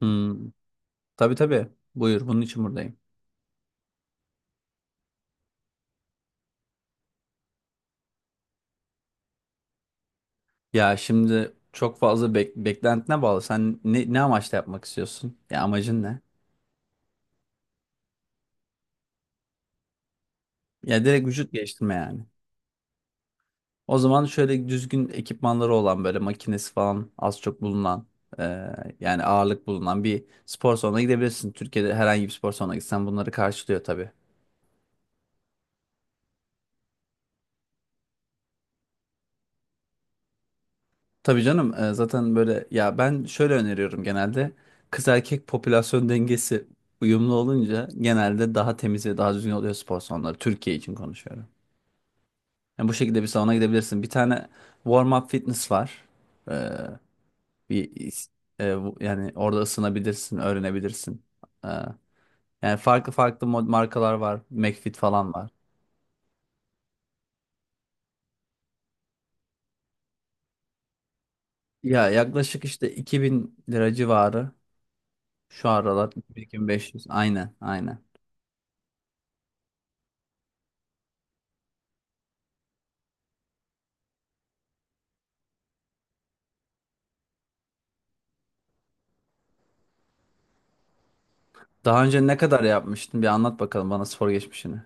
Hmm, tabii tabii. Buyur, bunun için buradayım. Ya şimdi çok fazla beklentine bağlı. Sen ne amaçla yapmak istiyorsun? Ya amacın ne? Ya direkt vücut geliştirme yani. O zaman şöyle düzgün ekipmanları olan böyle makinesi falan az çok bulunan e, yani ağırlık bulunan bir spor salonuna gidebilirsin. Türkiye'de herhangi bir spor salonuna gitsen bunları karşılıyor tabii. Tabii canım, zaten böyle ya, ben şöyle öneriyorum genelde: kız erkek popülasyon dengesi uyumlu olunca genelde daha temiz ve daha düzgün oluyor spor salonları. Türkiye için konuşuyorum. Yani bu şekilde bir salona gidebilirsin. Bir tane warm up fitness var. Ee, bir is- e, bu- yani orada ısınabilirsin, öğrenebilirsin. Ee, yani farklı farklı markalar var. McFit falan var. Ya yaklaşık işte 2.000 lira civarı şu aralar, 2500, aynen aynen. Daha önce ne kadar yapmıştın? Bir anlat bakalım bana spor geçmişini.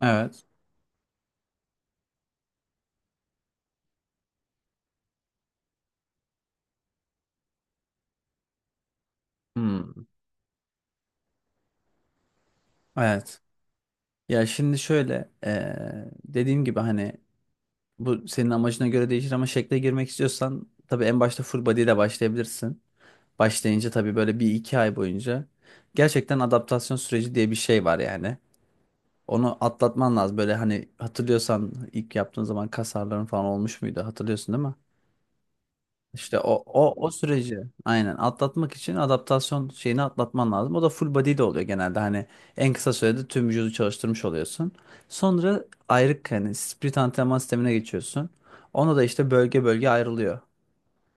Evet. Hmm. Evet. Ya şimdi şöyle dediğim gibi, hani bu senin amacına göre değişir ama şekle girmek istiyorsan tabii en başta full body ile başlayabilirsin. Başlayınca tabii böyle bir iki ay boyunca gerçekten adaptasyon süreci diye bir şey var yani. Onu atlatman lazım. Böyle hani, hatırlıyorsan ilk yaptığın zaman kas ağrıların falan olmuş muydu? Hatırlıyorsun değil mi? İşte o süreci aynen atlatmak için adaptasyon şeyini atlatman lazım. O da full body de oluyor genelde. Hani en kısa sürede tüm vücudu çalıştırmış oluyorsun. Sonra ayrık, hani split antrenman sistemine geçiyorsun. Onu da işte bölge bölge ayrılıyor.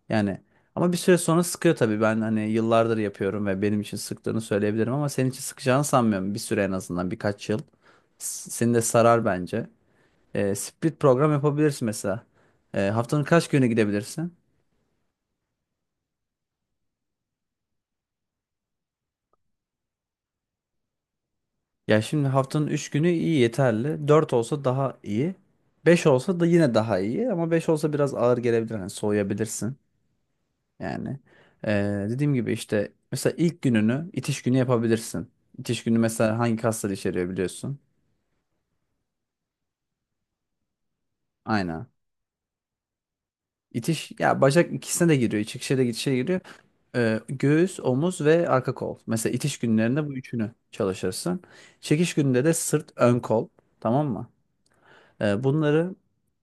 Yani, ama bir süre sonra sıkıyor tabii. Ben hani yıllardır yapıyorum ve benim için sıktığını söyleyebilirim ama senin için sıkacağını sanmıyorum. Bir süre, en azından birkaç yıl. Seni de sarar bence. Split program yapabilirsin mesela. Haftanın kaç günü gidebilirsin? Ya şimdi, haftanın 3 günü iyi, yeterli. 4 olsa daha iyi. 5 olsa da yine daha iyi. Ama 5 olsa biraz ağır gelebilir, hani soğuyabilirsin. Yani, dediğim gibi, işte mesela ilk gününü itiş günü yapabilirsin. İtiş günü mesela hangi kasları içeriyor, biliyorsun. Aynen. İtiş ya, bacak ikisine de giriyor. İçişe de gidişe de giriyor. Göğüs, omuz ve arka kol. Mesela itiş günlerinde bu üçünü çalışırsın. Çekiş gününde de sırt, ön kol. Tamam mı? Bunları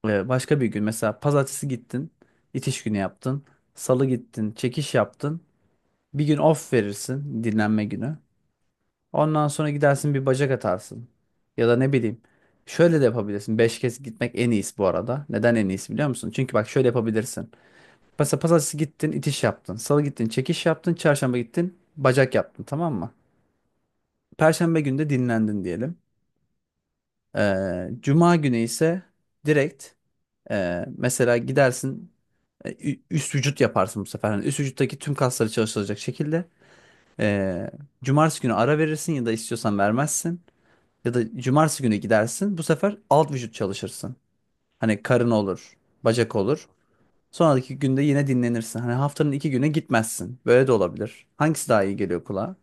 başka bir gün, mesela pazartesi gittin, itiş günü yaptın. Salı gittin, çekiş yaptın. Bir gün off verirsin, dinlenme günü. Ondan sonra gidersin, bir bacak atarsın. Ya da ne bileyim, şöyle de yapabilirsin. 5 kez gitmek en iyisi bu arada. Neden en iyisi, biliyor musun? Çünkü bak, şöyle yapabilirsin. Mesela pazartesi gittin, itiş yaptın. Salı gittin, çekiş yaptın. Çarşamba gittin, bacak yaptın, tamam mı? Perşembe günü de dinlendin diyelim. Cuma günü ise direkt, mesela gidersin, üst vücut yaparsın bu sefer. Hani üst vücuttaki tüm kasları çalıştıracak şekilde. Ee, cumartesi günü ara verirsin ya da istiyorsan vermezsin. Ya da cumartesi günü gidersin, bu sefer alt vücut çalışırsın. Hani karın olur, bacak olur. Sonraki günde yine dinlenirsin. Hani haftanın 2 güne gitmezsin. Böyle de olabilir. Hangisi daha iyi geliyor kulağa?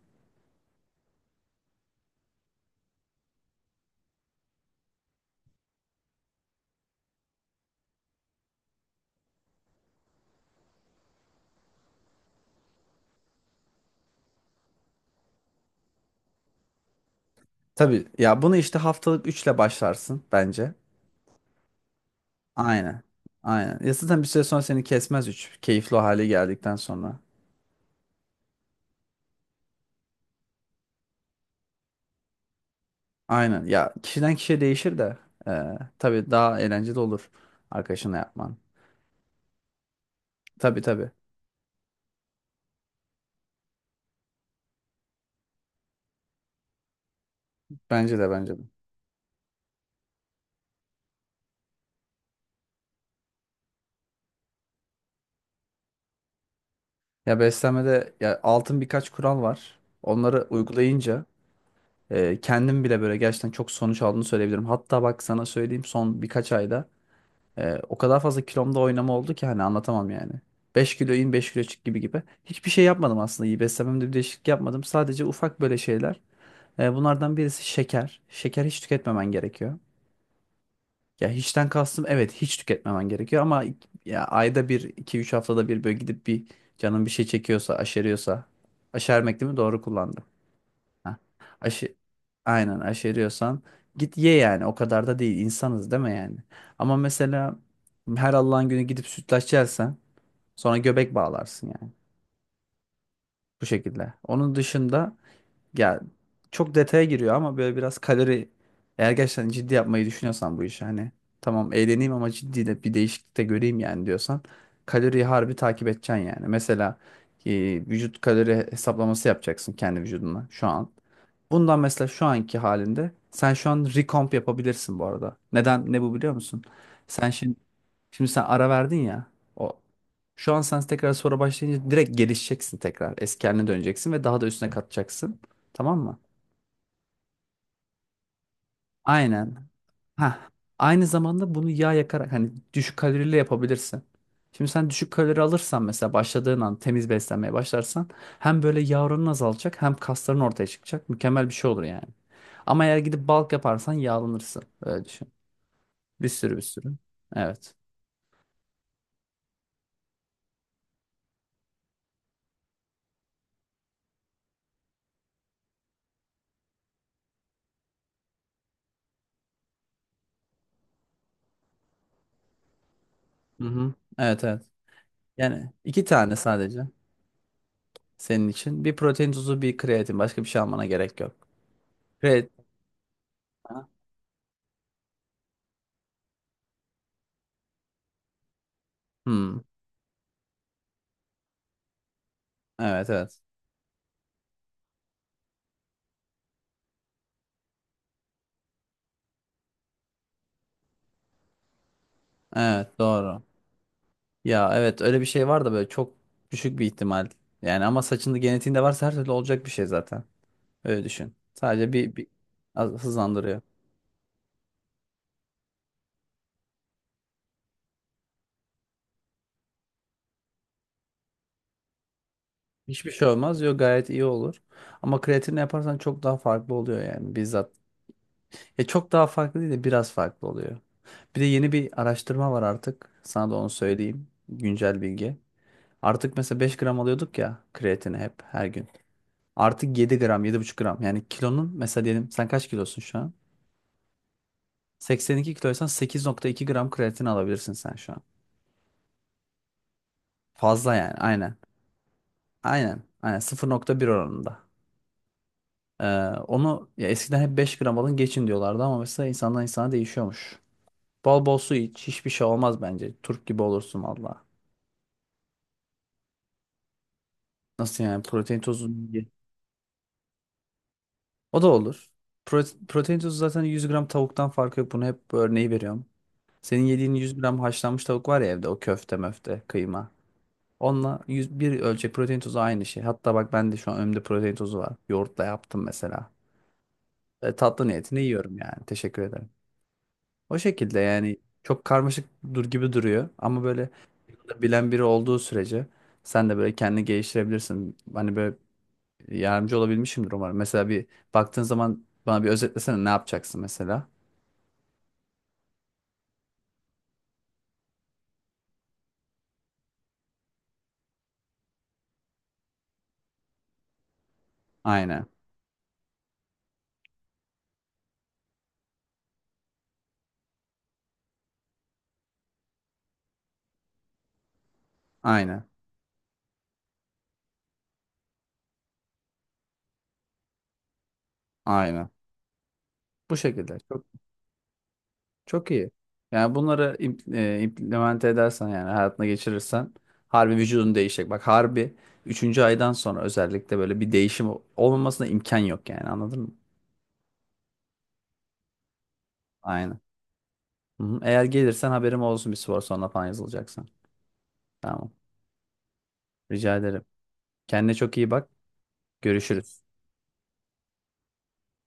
Tabii ya, bunu işte haftalık üçle başlarsın bence. Aynen. Aynen. Ya zaten bir süre sonra seni kesmez üç, keyifli o hale geldikten sonra. Aynen. Ya, kişiden kişiye değişir de tabii daha eğlenceli olur arkadaşına yapman. Tabii tabii. Bence de, bence de. Ya beslenmede, ya, altın birkaç kural var. Onları uygulayınca kendim bile böyle, gerçekten çok sonuç aldığını söyleyebilirim. Hatta bak sana söyleyeyim, son birkaç ayda o kadar fazla kilomda oynama oldu ki, hani anlatamam yani. 5 kilo in, 5 kilo çık gibi gibi. Hiçbir şey yapmadım aslında. İyi, beslenmemde bir değişiklik yapmadım. Sadece ufak böyle şeyler. Bunlardan birisi şeker. Şeker hiç tüketmemen gerekiyor. Ya, hiçten kastım, evet hiç tüketmemen gerekiyor ama ya, ayda bir, iki, üç haftada bir böyle gidip bir, canın bir şey çekiyorsa, aşeriyorsa. Aşermek değil mi? Doğru kullandım. Ha. Aşı, aynen aşeriyorsan git ye, yani o kadar da değil, insanız değil mi yani? Ama mesela her Allah'ın günü gidip sütlaç yersen sonra göbek bağlarsın yani, bu şekilde. Onun dışında, ya çok detaya giriyor ama böyle biraz kalori, eğer gerçekten ciddi yapmayı düşünüyorsan bu işi, hani "Tamam, eğleneyim ama ciddi de bir değişiklik de göreyim yani" diyorsan, kaloriyi harbi takip edeceksin yani. Mesela e, vücut kalori hesaplaması yapacaksın kendi vücuduna şu an. Bundan, mesela şu anki halinde sen şu an recomp yapabilirsin bu arada. Neden, ne bu, biliyor musun? Sen şimdi şimdi sen ara verdin ya. O, şu an sen tekrar sonra başlayınca direkt gelişeceksin tekrar. Eski haline döneceksin ve daha da üstüne katacaksın. Tamam mı? Aynen. Ha. Aynı zamanda bunu yağ yakarak, hani düşük kalorili yapabilirsin. Şimdi sen düşük kalori alırsan, mesela başladığın an temiz beslenmeye başlarsan, hem böyle yağ oranın azalacak hem kasların ortaya çıkacak. Mükemmel bir şey olur yani. Ama eğer gidip bulk yaparsan yağlanırsın. Öyle düşün. Bir sürü, bir sürü. Evet. Hı hı. Evet evet. Yani 2 tane sadece senin için: bir protein tozu, bir kreatin. Başka bir şey almana gerek yok. Kreatin. Hmm. Evet evet. Evet, doğru. Ya evet, öyle bir şey var da böyle çok düşük bir ihtimal. Yani ama saçında, genetiğinde varsa her türlü olacak bir şey zaten. Öyle düşün. Sadece bir hızlandırıyor. Hiçbir şey olmaz, diyor, gayet iyi olur. Ama kreatinle yaparsan çok daha farklı oluyor yani, bizzat. Ya çok daha farklı değil de biraz farklı oluyor. Bir de yeni bir araştırma var artık, sana da onu söyleyeyim. Güncel bilgi. Artık mesela 5 gram alıyorduk ya kreatini, hep her gün. Artık 7 gram, 7,5 gram. Yani kilonun, mesela diyelim, sen kaç kilosun şu an? 82 kiloysan 8,2 gram kreatin alabilirsin sen şu an. Fazla yani, aynen. Aynen. Aynen, 0,1 oranında. Ee, onu ya eskiden hep 5 gram alın geçin diyorlardı ama mesela insandan insana değişiyormuş. Bol bol su iç. Hiçbir şey olmaz bence. Turp gibi olursun valla. Nasıl yani, protein tozu ye. O da olur. Protein tozu zaten 100 gram tavuktan farkı yok. Bunu hep, bu örneği veriyorum. Senin yediğin 100 gram haşlanmış tavuk var ya evde, o köfte möfte kıyma, onunla 101 ölçek protein tozu aynı şey. Hatta bak, ben de şu an önümde protein tozu var, yoğurtla yaptım mesela. Tatlı niyetine yiyorum yani. Teşekkür ederim. O şekilde yani. Çok karmaşık dur gibi duruyor ama böyle bilen biri olduğu sürece sen de böyle kendini geliştirebilirsin. Hani böyle yardımcı olabilmişimdir umarım. Mesela bir baktığın zaman bana, bir özetlesene ne yapacaksın mesela. Aynen. Aynen. Aynen. Bu şekilde. Çok iyi. Yani bunları implement edersen, yani hayatına geçirirsen, harbi vücudun değişecek. Bak, harbi üçüncü aydan sonra özellikle böyle bir değişim olmamasına imkan yok yani, anladın mı? Aynen. Hı-hı. Eğer gelirsen haberim olsun, bir spor sonra falan yazılacaksan. Tamam. Rica ederim. Kendine çok iyi bak. Görüşürüz.